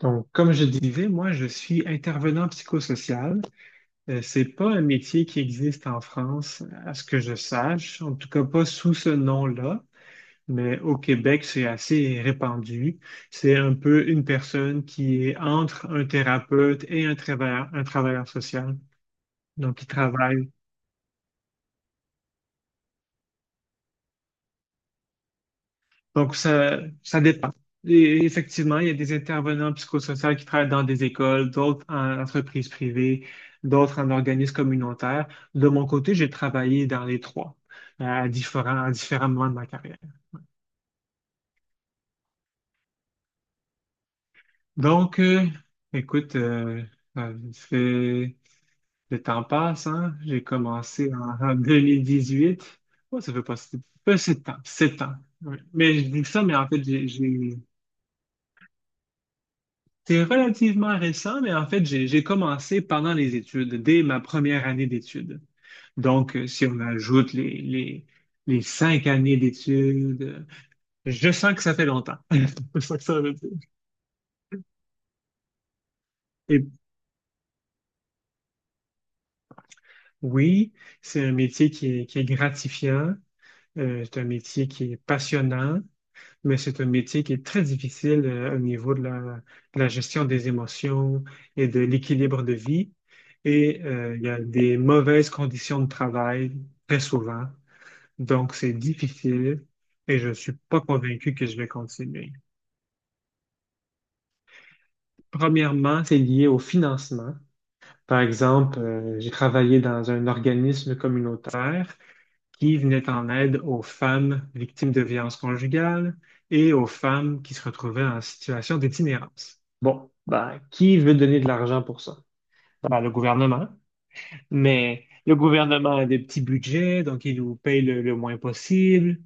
Donc, comme je disais, moi, je suis intervenant psychosocial. C'est pas un métier qui existe en France, à ce que je sache, en tout cas pas sous ce nom-là, mais au Québec, c'est assez répandu. C'est un peu une personne qui est entre un thérapeute et un travailleur social. Donc, il travaille. Donc, ça dépend. Et effectivement, il y a des intervenants psychosociaux qui travaillent dans des écoles, d'autres en entreprises privées, d'autres en organismes communautaires. De mon côté, j'ai travaillé dans les trois, à différents moments de ma carrière. Donc, euh, écoute, ça fait- le temps passe, hein? J'ai commencé en 2018. Ouais, ça fait pas si de temps, 7 ans. Oui. Mais je dis ça, mais en fait, C'est relativement récent, mais en fait, j'ai commencé pendant les études, dès ma première année d'études. Donc, si on ajoute les 5 années d'études, je sens que ça fait longtemps. Je sens que ça veut dire. Et oui, c'est un métier qui est gratifiant, c'est un métier qui est passionnant, mais c'est un métier qui est très difficile au niveau de de la gestion des émotions et de l'équilibre de vie. Et il y a des mauvaises conditions de travail très souvent. Donc, c'est difficile et je ne suis pas convaincu que je vais continuer. Premièrement, c'est lié au financement. Par exemple, j'ai travaillé dans un organisme communautaire qui venait en aide aux femmes victimes de violences conjugales et aux femmes qui se retrouvaient en situation d'itinérance. Bon, ben, qui veut donner de l'argent pour ça? Ben, le gouvernement. Mais le gouvernement a des petits budgets, donc il nous paye le moins possible.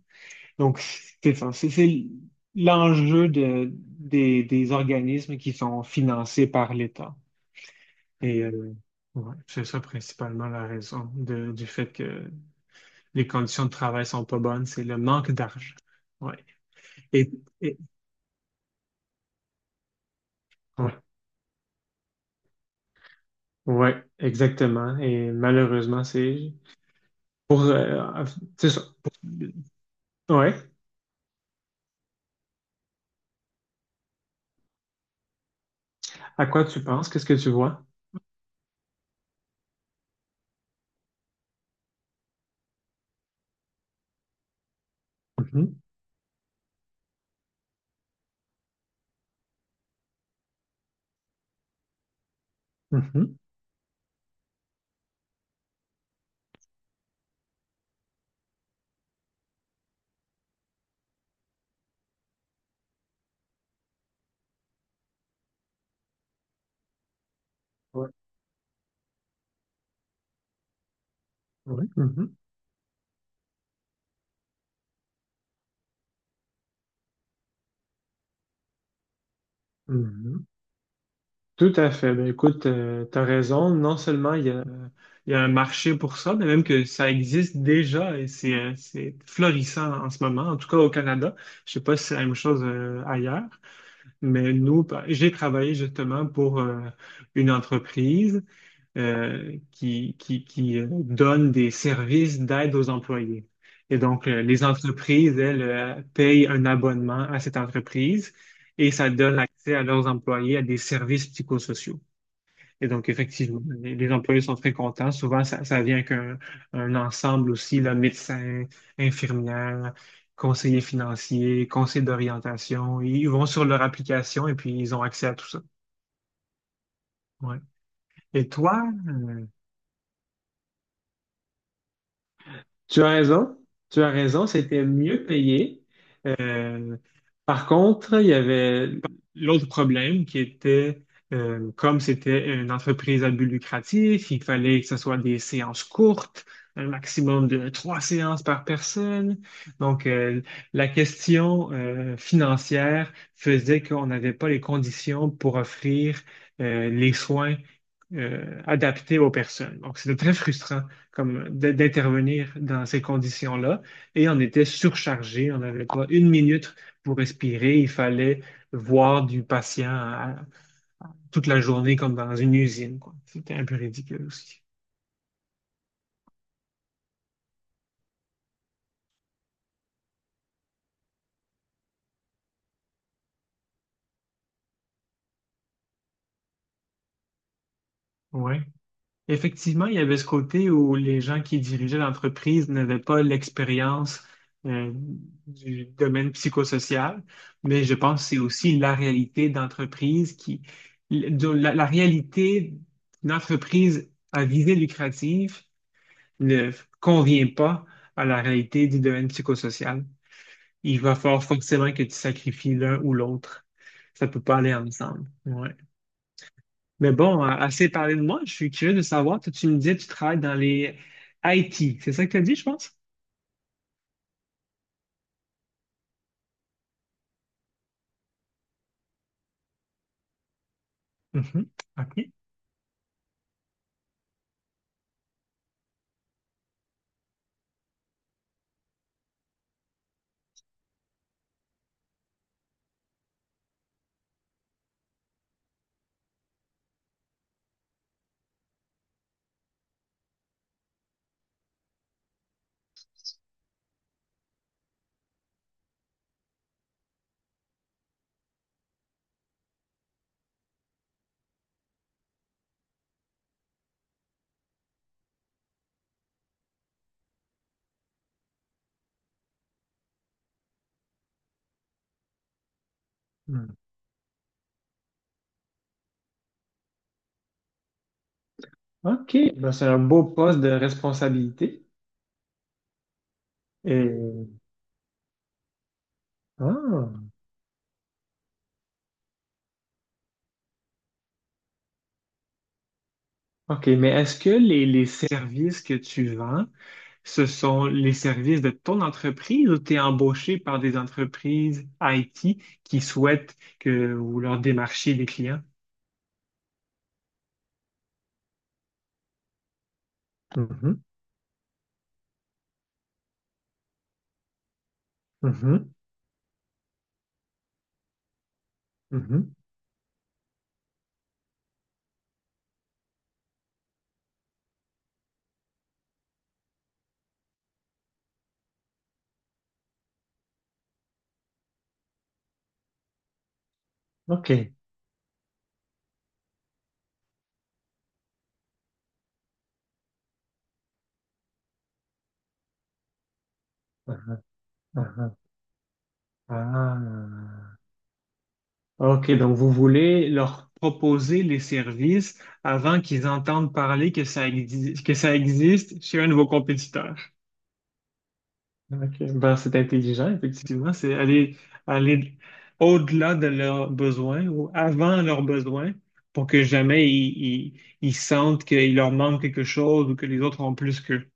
Donc, c'est ça, c'est l'enjeu des organismes qui sont financés par l'État. Et ouais, c'est ça principalement la raison du fait que les conditions de travail sont pas bonnes, c'est le manque d'argent. Ouais. Et, et- ouais, ouais, exactement. Et malheureusement, c'est pour, c'est ça. Ouais. À quoi tu penses? Qu'est-ce que tu vois? Mhm, mhm. Ouais, ouais, mhm, mhm. Tout à fait. Ben, écoute, tu as raison. Non seulement il y a un marché pour ça, mais même que ça existe déjà et c'est florissant en ce moment, en tout cas au Canada. Je sais pas si c'est la même chose ailleurs. Mais nous, j'ai travaillé justement pour une entreprise qui donne des services d'aide aux employés. Et donc, les entreprises, elles, payent un abonnement à cette entreprise et ça donne accès à leurs employés à des services psychosociaux. Et donc, effectivement, les employés sont très contents. Souvent, ça vient avec un ensemble aussi, là, médecin, infirmière, conseiller financier, conseiller d'orientation. Ils vont sur leur application et puis ils ont accès à tout ça. Ouais. Et toi, tu as raison. Tu as raison, c'était mieux payé. Euh, par contre, il y avait l'autre problème qui était, comme c'était une entreprise à but lucratif, il fallait que ce soit des séances courtes, un maximum de 3 séances par personne. Donc, la question, financière faisait qu'on n'avait pas les conditions pour offrir, les soins, adaptés aux personnes. Donc, c'était très frustrant comme d'intervenir dans ces conditions-là et on était surchargé. On avait quoi, une minute pour respirer. Il fallait voir du toute la journée comme dans une usine, quoi. C'était un peu ridicule aussi. Ouais. Effectivement, il y avait ce côté où les gens qui dirigeaient l'entreprise n'avaient pas l'expérience euh, du domaine psychosocial, mais je pense que c'est aussi la réalité d'entreprise qui, la réalité d'une entreprise à visée lucrative ne convient pas à la réalité du domaine psychosocial, il va falloir forcément que tu sacrifies l'un ou l'autre. Ça peut pas aller ensemble. Ouais. Mais bon, assez parlé de moi, je suis curieux de savoir, toi, tu me disais, que tu travailles dans les IT. C'est ça que tu as dit, je pense? Mhm. OK. Hmm. OK. Ben, c'est un beau poste de responsabilité. Et... Ah. OK. Mais est-ce que les services que tu vends, ce sont les services de ton entreprise ou tu es embauché par des entreprises IT qui souhaitent que vous leur démarchiez des clients? Mhm, mhm, mhm. OK. Ah, ah. Ah. OK, donc vous voulez leur proposer les services avant qu'ils entendent parler que ça existe chez un de vos compétiteurs. OK. Ben, c'est intelligent, effectivement. C'est aller, aller au-delà de leurs besoins ou avant leurs besoins pour que jamais ils sentent qu'il leur manque quelque chose ou que les autres ont plus qu'eux.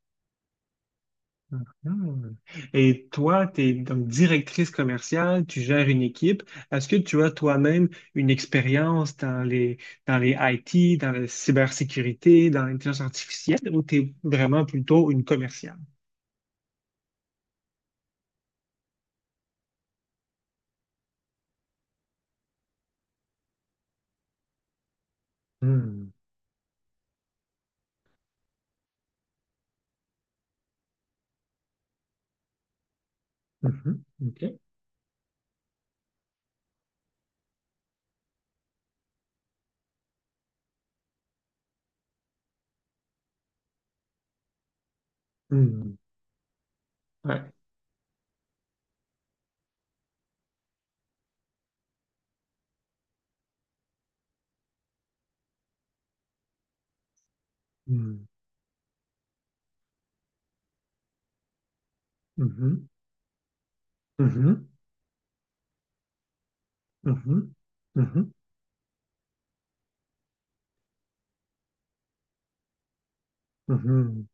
Mhm. Et toi, tu es donc directrice commerciale, tu gères une équipe. Est-ce que tu as toi-même une expérience dans dans les IT, dans la cybersécurité, dans l'intelligence artificielle ou tu es vraiment plutôt une commerciale? Hmm. Mhm. OK. Ouais. Mhm. Mhm. Mhm. Mhm. Mhm. Mhm.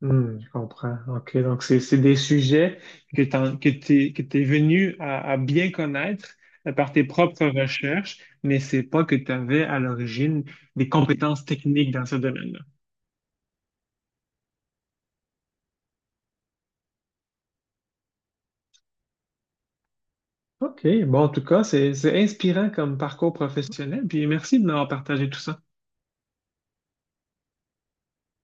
Mhm. Je comprends. OK. Donc, c'est des sujets que t'es venu à bien connaître par tes propres recherches, mais c'est pas que tu avais à l'origine des compétences techniques dans ce domaine-là. OK. Bon, en tout cas, c'est inspirant comme parcours professionnel. Puis merci de m'avoir partagé tout ça.